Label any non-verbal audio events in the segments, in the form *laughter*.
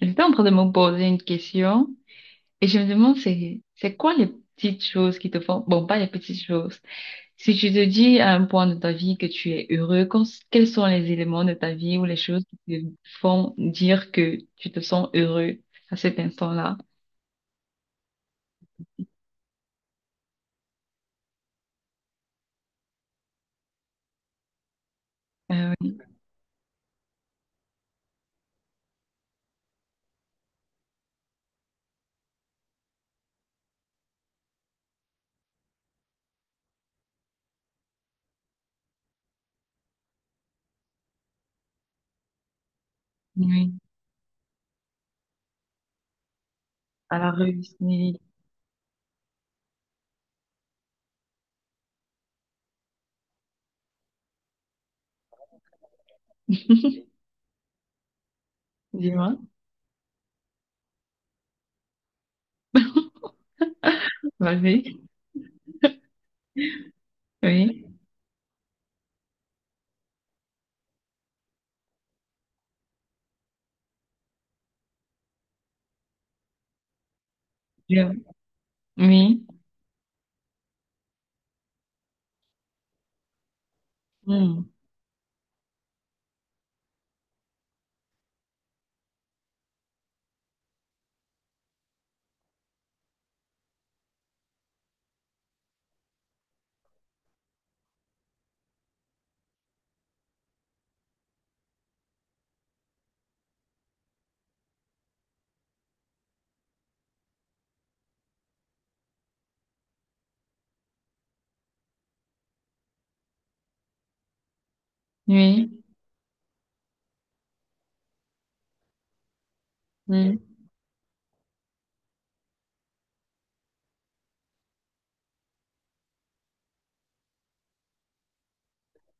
J'étais en train de me poser une question, et je me demande c'est quoi les petites choses qui te font, bon, pas les petites choses, si tu te dis à un point de ta vie que tu es heureux, quels sont les éléments de ta vie ou les choses qui te font dire que tu te sens heureux à cet instant-là? Euh, oui, oui, à la réussite. *laughs* Dis-moi. Vas-y. Oui. Bien. Oui. Hmm. Oui.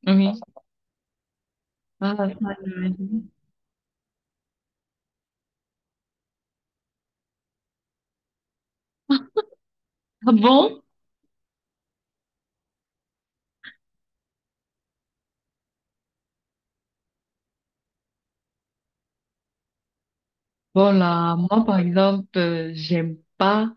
Hmm. Oui. Ah ça, l'ai dit. Ah bon. Voilà, moi par exemple,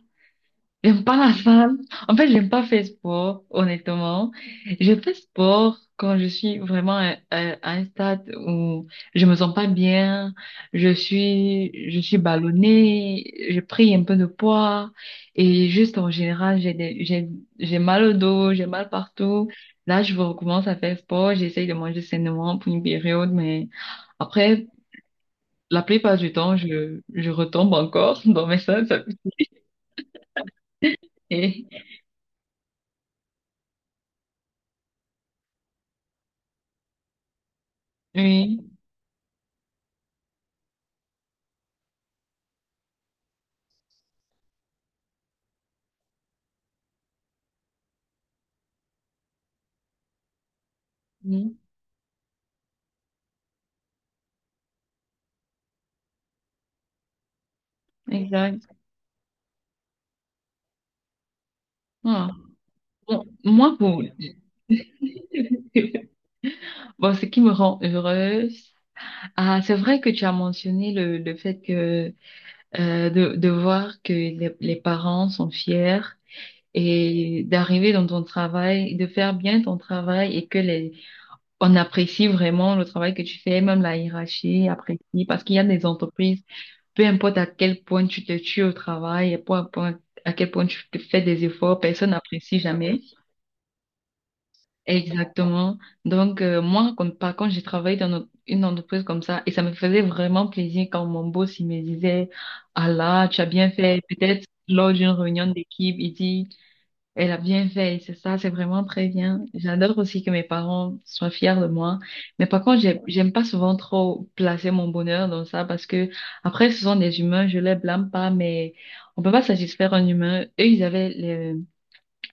j'aime pas la salle. En fait, j'aime pas faire sport, honnêtement. Je fais sport quand je suis vraiment à un stade où je me sens pas bien, je suis ballonnée, j'ai pris un peu de poids, et juste en général, j'ai mal au dos, j'ai mal partout. Là, je recommence à faire sport, j'essaye de manger sainement pour une période, mais après, la plupart du temps, je retombe encore *laughs* dans mes salles. Ça. Et- Oui, oui, exact. Voilà. Bon, moi, pour... *laughs* bon, ce qui me rend heureuse, ah, c'est vrai que tu as mentionné le fait que de voir que les parents sont fiers, et d'arriver dans ton travail, de faire bien ton travail, et que les, on apprécie vraiment le travail que tu fais, même la hiérarchie apprécie, parce qu'il y a des entreprises. Peu importe à quel point tu te tues au travail, et peu importe à quel point tu te fais des efforts, personne n'apprécie jamais. Exactement. Donc, moi, quand, par contre, j'ai travaillé dans une entreprise comme ça, et ça me faisait vraiment plaisir quand mon boss, il me disait, ah là, tu as bien fait. Peut-être lors d'une réunion d'équipe, il dit, elle a bien fait, c'est ça, c'est vraiment très bien. J'adore aussi que mes parents soient fiers de moi. Mais par contre, j'aime pas souvent trop placer mon bonheur dans ça, parce que après, ce sont des humains, je les blâme pas, mais on peut pas satisfaire un humain. Eux, ils avaient les,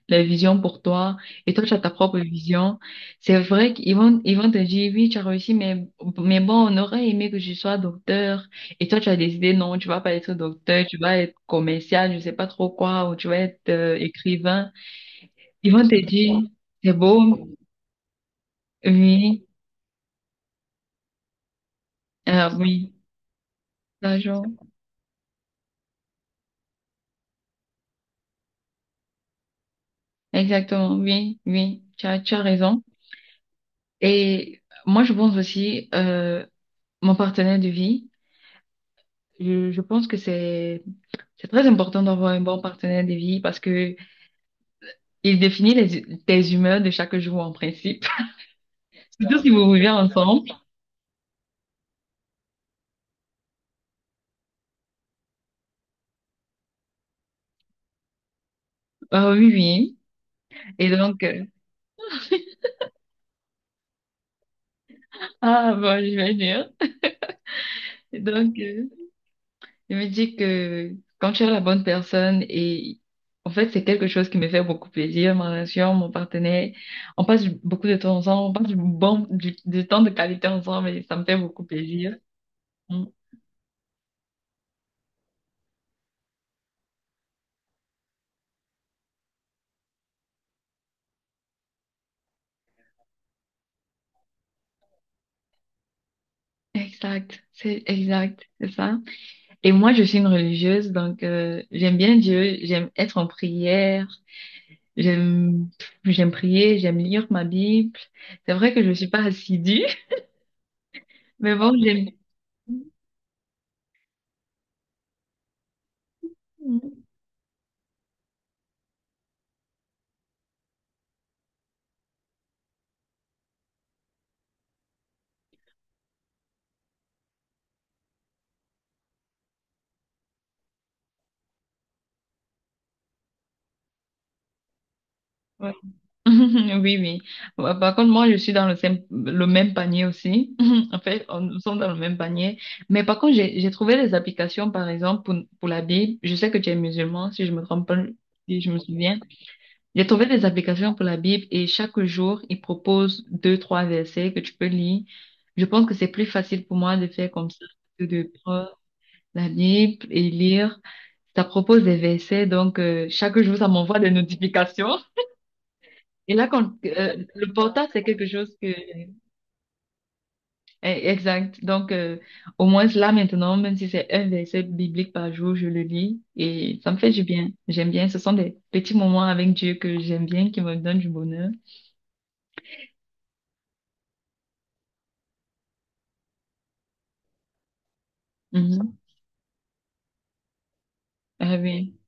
les visions pour toi, et toi, tu as ta propre vision. C'est vrai qu'ils vont te dire, oui, tu as réussi, mais bon, on aurait aimé que je sois docteur. Et toi, tu as décidé, non, tu vas pas être docteur, tu vas être commercial, je sais pas trop quoi, ou tu vas être écrivain. Ils vont te dire, c'est beau, oui, oui, l'argent, exactement, oui, oui, tu as raison. Et moi, je pense aussi, mon partenaire de vie, je pense que c'est très important d'avoir un bon partenaire de vie, parce que il définit les, tes humeurs de chaque jour en principe. *laughs* Surtout si vous vivez ensemble. Ah oui, oui. Et donc, ah, bon, je vais dire. Et donc, je me dis que quand tu es la bonne personne, et en fait c'est quelque chose qui me fait beaucoup plaisir, ma relation, mon partenaire, on passe beaucoup de temps ensemble, on passe du bon du temps de qualité ensemble, et ça me fait beaucoup plaisir. Mm. Exact, c'est ça. Et moi je suis une religieuse, donc j'aime bien Dieu, j'aime être en prière, j'aime j'aime prier, j'aime lire ma Bible. C'est vrai que je suis pas assidue, *laughs* mais bon j'aime. Mm. Ouais. *laughs* Oui, oui. Bah, par contre, moi, je suis dans le même panier aussi. *laughs* En fait, nous sommes dans le même panier. Mais par contre, j'ai trouvé des applications, par exemple, pour la Bible. Je sais que tu es musulman, si je me trompe pas, si je me souviens. J'ai trouvé des applications pour la Bible, et chaque jour, ils proposent deux, trois versets que tu peux lire. Je pense que c'est plus facile pour moi de faire comme ça que de prendre la Bible et lire. Ça propose des versets, donc chaque jour, ça m'envoie des notifications. Et là, quand, le portable, c'est quelque chose que... exact. Donc, au moins là, maintenant, même si c'est un verset biblique par jour, je le lis et ça me fait du bien. J'aime bien. Ce sont des petits moments avec Dieu que j'aime bien, qui me donnent du bonheur. Mhm. Ah oui,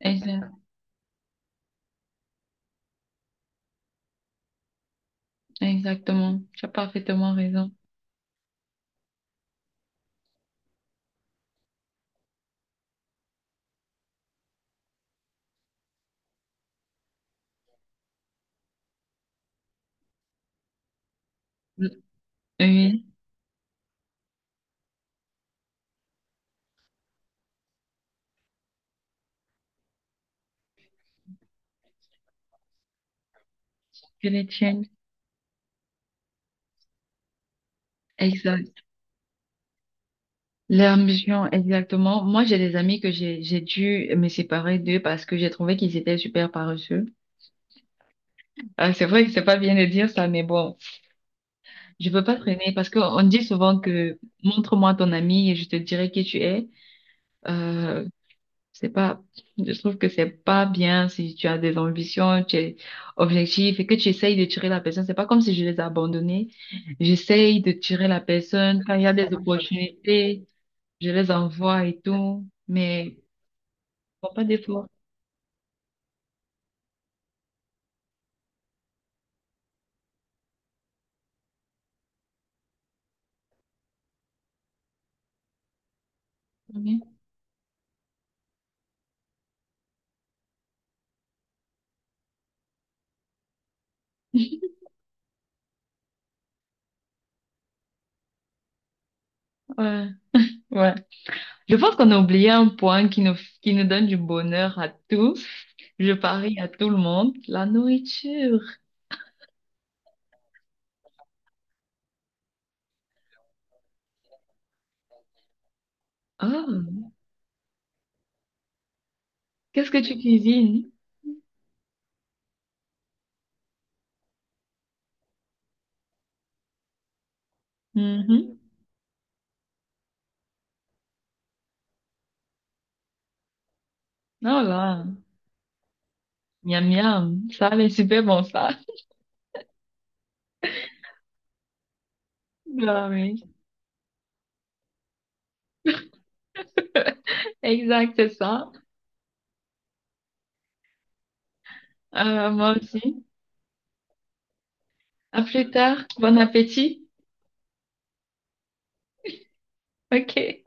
exact. Exactement. Tu as parfaitement raison. Oui, que les tiennes. Exact. L'ambition, exactement. Moi, j'ai des amis que j'ai dû me séparer d'eux, parce que j'ai trouvé qu'ils étaient super paresseux. Ah, c'est vrai que c'est pas bien de dire ça, mais bon, je peux pas traîner parce qu'on dit souvent que montre-moi ton ami et je te dirai qui tu es. Euh, c'est pas, je trouve que c'est pas bien si tu as des ambitions, tu es objectif, et que tu essayes de tirer la personne. C'est pas comme si je les ai abandonnés. J'essaye de tirer la personne. Quand il y a des opportunités, je les envoie et tout, mais faut pas d'effort. Ouais, ouais. Je pense qu'on a oublié un point qui nous donne du bonheur à tous. Je parie à tout le monde, la nourriture. Oh, qu'est-ce que tu cuisines? Mhm. Oh là, miam miam, ça a l'air super bon ça. Ah oui, *laughs* exact, c'est ça. Moi aussi. À plus tard, bon appétit. OK.